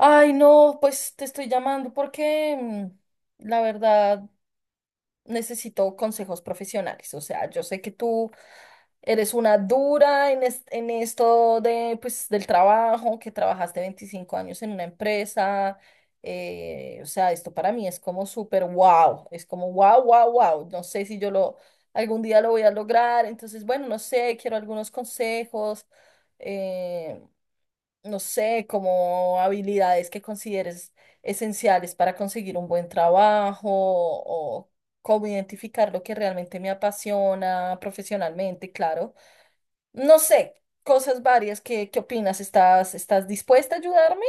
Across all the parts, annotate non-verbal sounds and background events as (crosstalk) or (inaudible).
Ay, no, pues te estoy llamando porque la verdad necesito consejos profesionales. O sea, yo sé que tú eres una dura en esto de, pues, del trabajo, que trabajaste 25 años en una empresa. O sea, esto para mí es como súper wow, es como wow, wow, wow. No sé si yo lo algún día lo voy a lograr. Entonces, bueno, no sé, quiero algunos consejos. eh, no sé, como habilidades que consideres esenciales para conseguir un buen trabajo o cómo identificar lo que realmente me apasiona profesionalmente, claro. No sé, cosas varias, ¿qué opinas? ¿Estás dispuesta a ayudarme?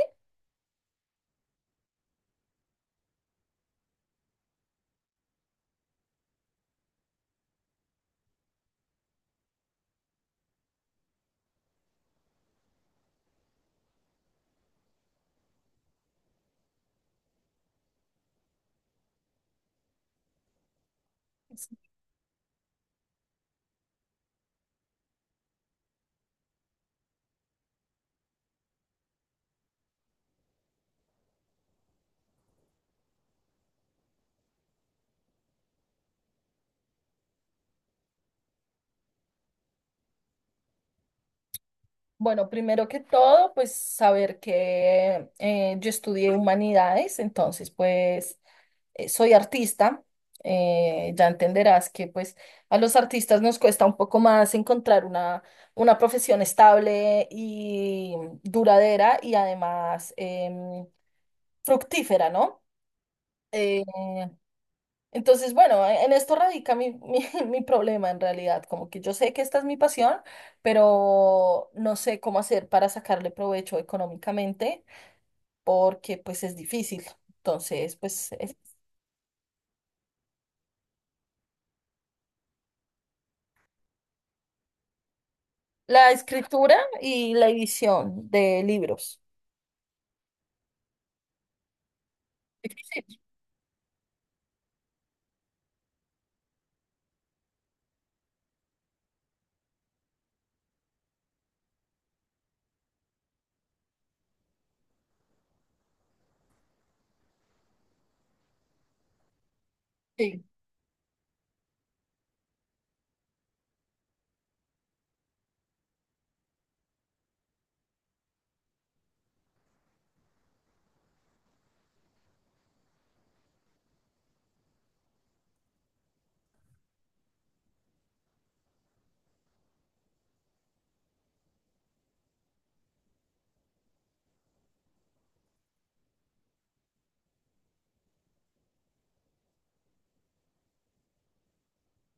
Bueno, primero que todo, pues saber que yo estudié humanidades, entonces pues soy artista. Ya entenderás que pues a los artistas nos cuesta un poco más encontrar una profesión estable y duradera y además fructífera, ¿no? Eh, entonces, bueno, en esto radica (laughs) mi problema en realidad, como que yo sé que esta es mi pasión, pero no sé cómo hacer para sacarle provecho económicamente, porque pues es difícil. Entonces, pues es la escritura y la edición de libros. Difícil. Sí,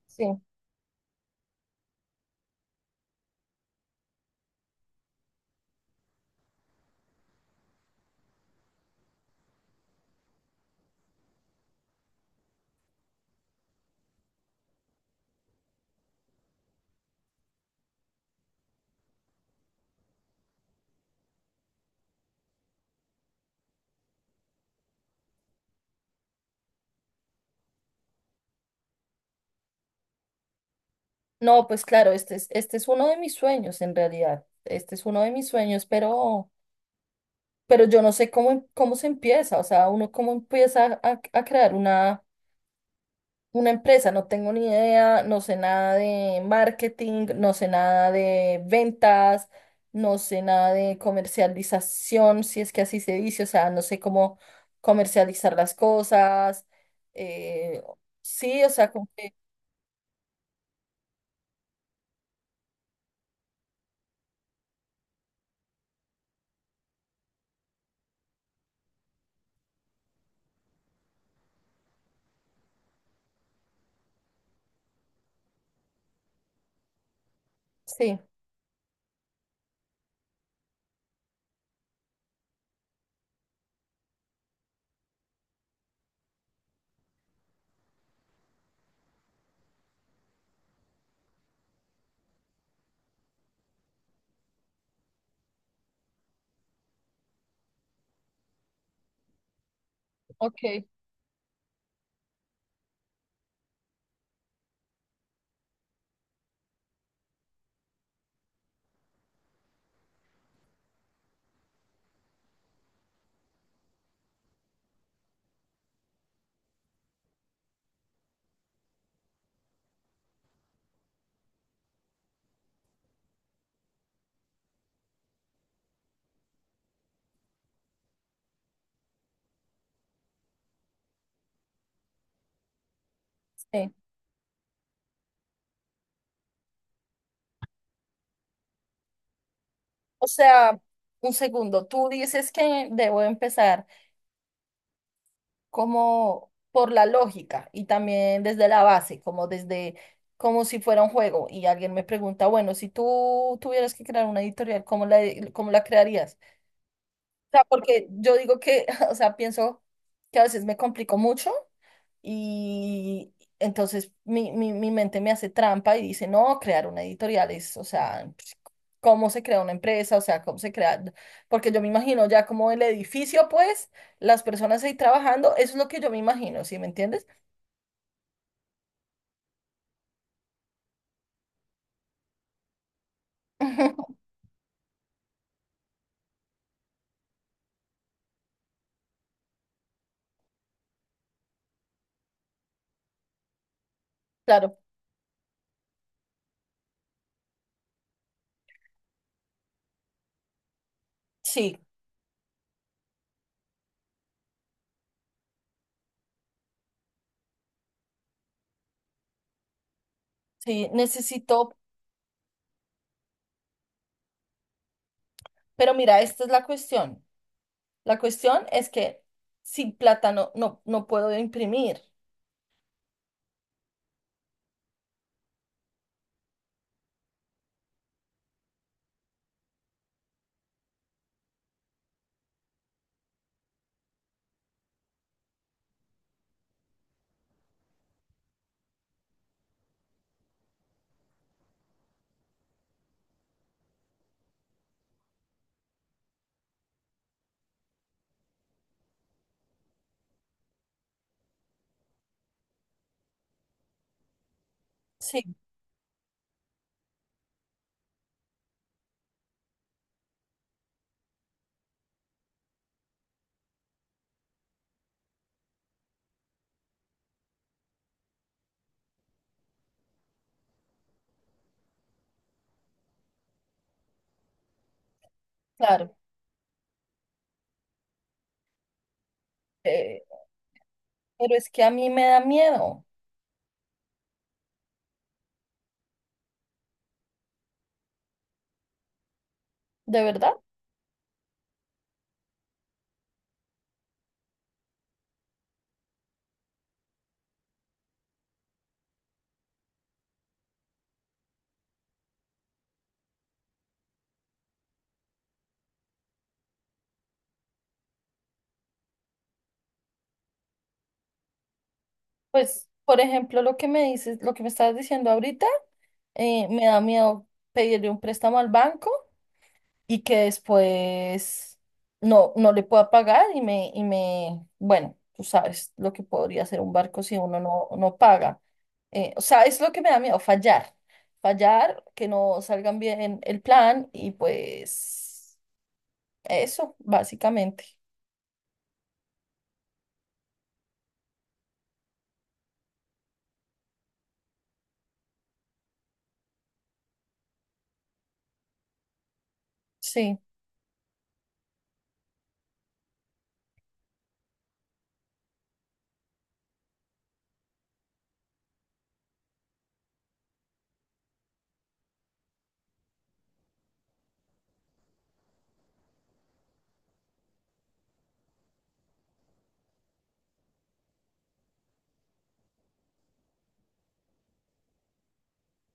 sí. No, pues claro, este es uno de mis sueños en realidad. Este es uno de mis sueños, pero yo no sé cómo se empieza. O sea, uno cómo empieza a crear una empresa, no tengo ni idea, no sé nada de marketing, no sé nada de ventas, no sé nada de comercialización, si es que así se dice, o sea, no sé cómo comercializar las cosas. eh, sí, o sea, como que sí, ok, sí. O sea, un segundo, tú dices que debo empezar como por la lógica y también desde la base, como desde, como si fuera un juego. Y alguien me pregunta, bueno, si tú tuvieras que crear una editorial, ¿cómo la crearías? O sea, porque yo digo que, (laughs) o sea, pienso que a veces me complico mucho y entonces mi mente me hace trampa y dice, no, crear una editorial es, o sea, pues, cómo se crea una empresa, o sea, cómo se crea, porque yo me imagino ya como el edificio, pues, las personas ahí trabajando, eso es lo que yo me imagino, ¿sí me entiendes? (laughs) Claro, sí, sí, necesito, pero mira, esta es la cuestión. La cuestión es que sin plata no puedo imprimir. Sí, claro, eh, pero es que a mí me da miedo, ¿de verdad? Pues, por ejemplo, lo que me dices, lo que me estabas diciendo ahorita, me da miedo pedirle un préstamo al banco y que después no le pueda pagar bueno, tú sabes lo que podría hacer un barco si uno no paga. O sea, es lo que me da miedo, fallar. Fallar, que no salgan bien el plan y pues eso, básicamente. Sí,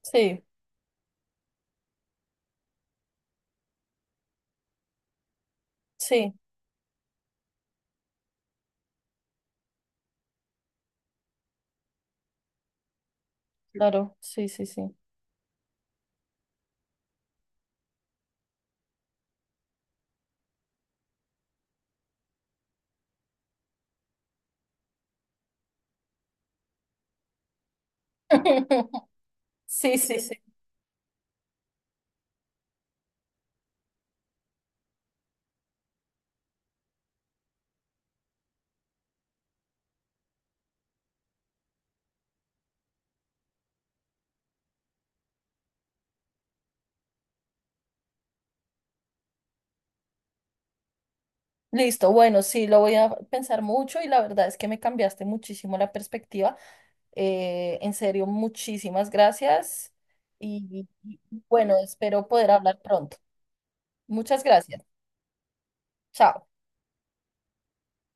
sí, sí, claro, sí, sí, sí. (laughs) Sí, sí, sí. Listo, bueno, sí, lo voy a pensar mucho y la verdad es que me cambiaste muchísimo la perspectiva. En serio, muchísimas gracias y, bueno, espero poder hablar pronto. Muchas gracias. Chao.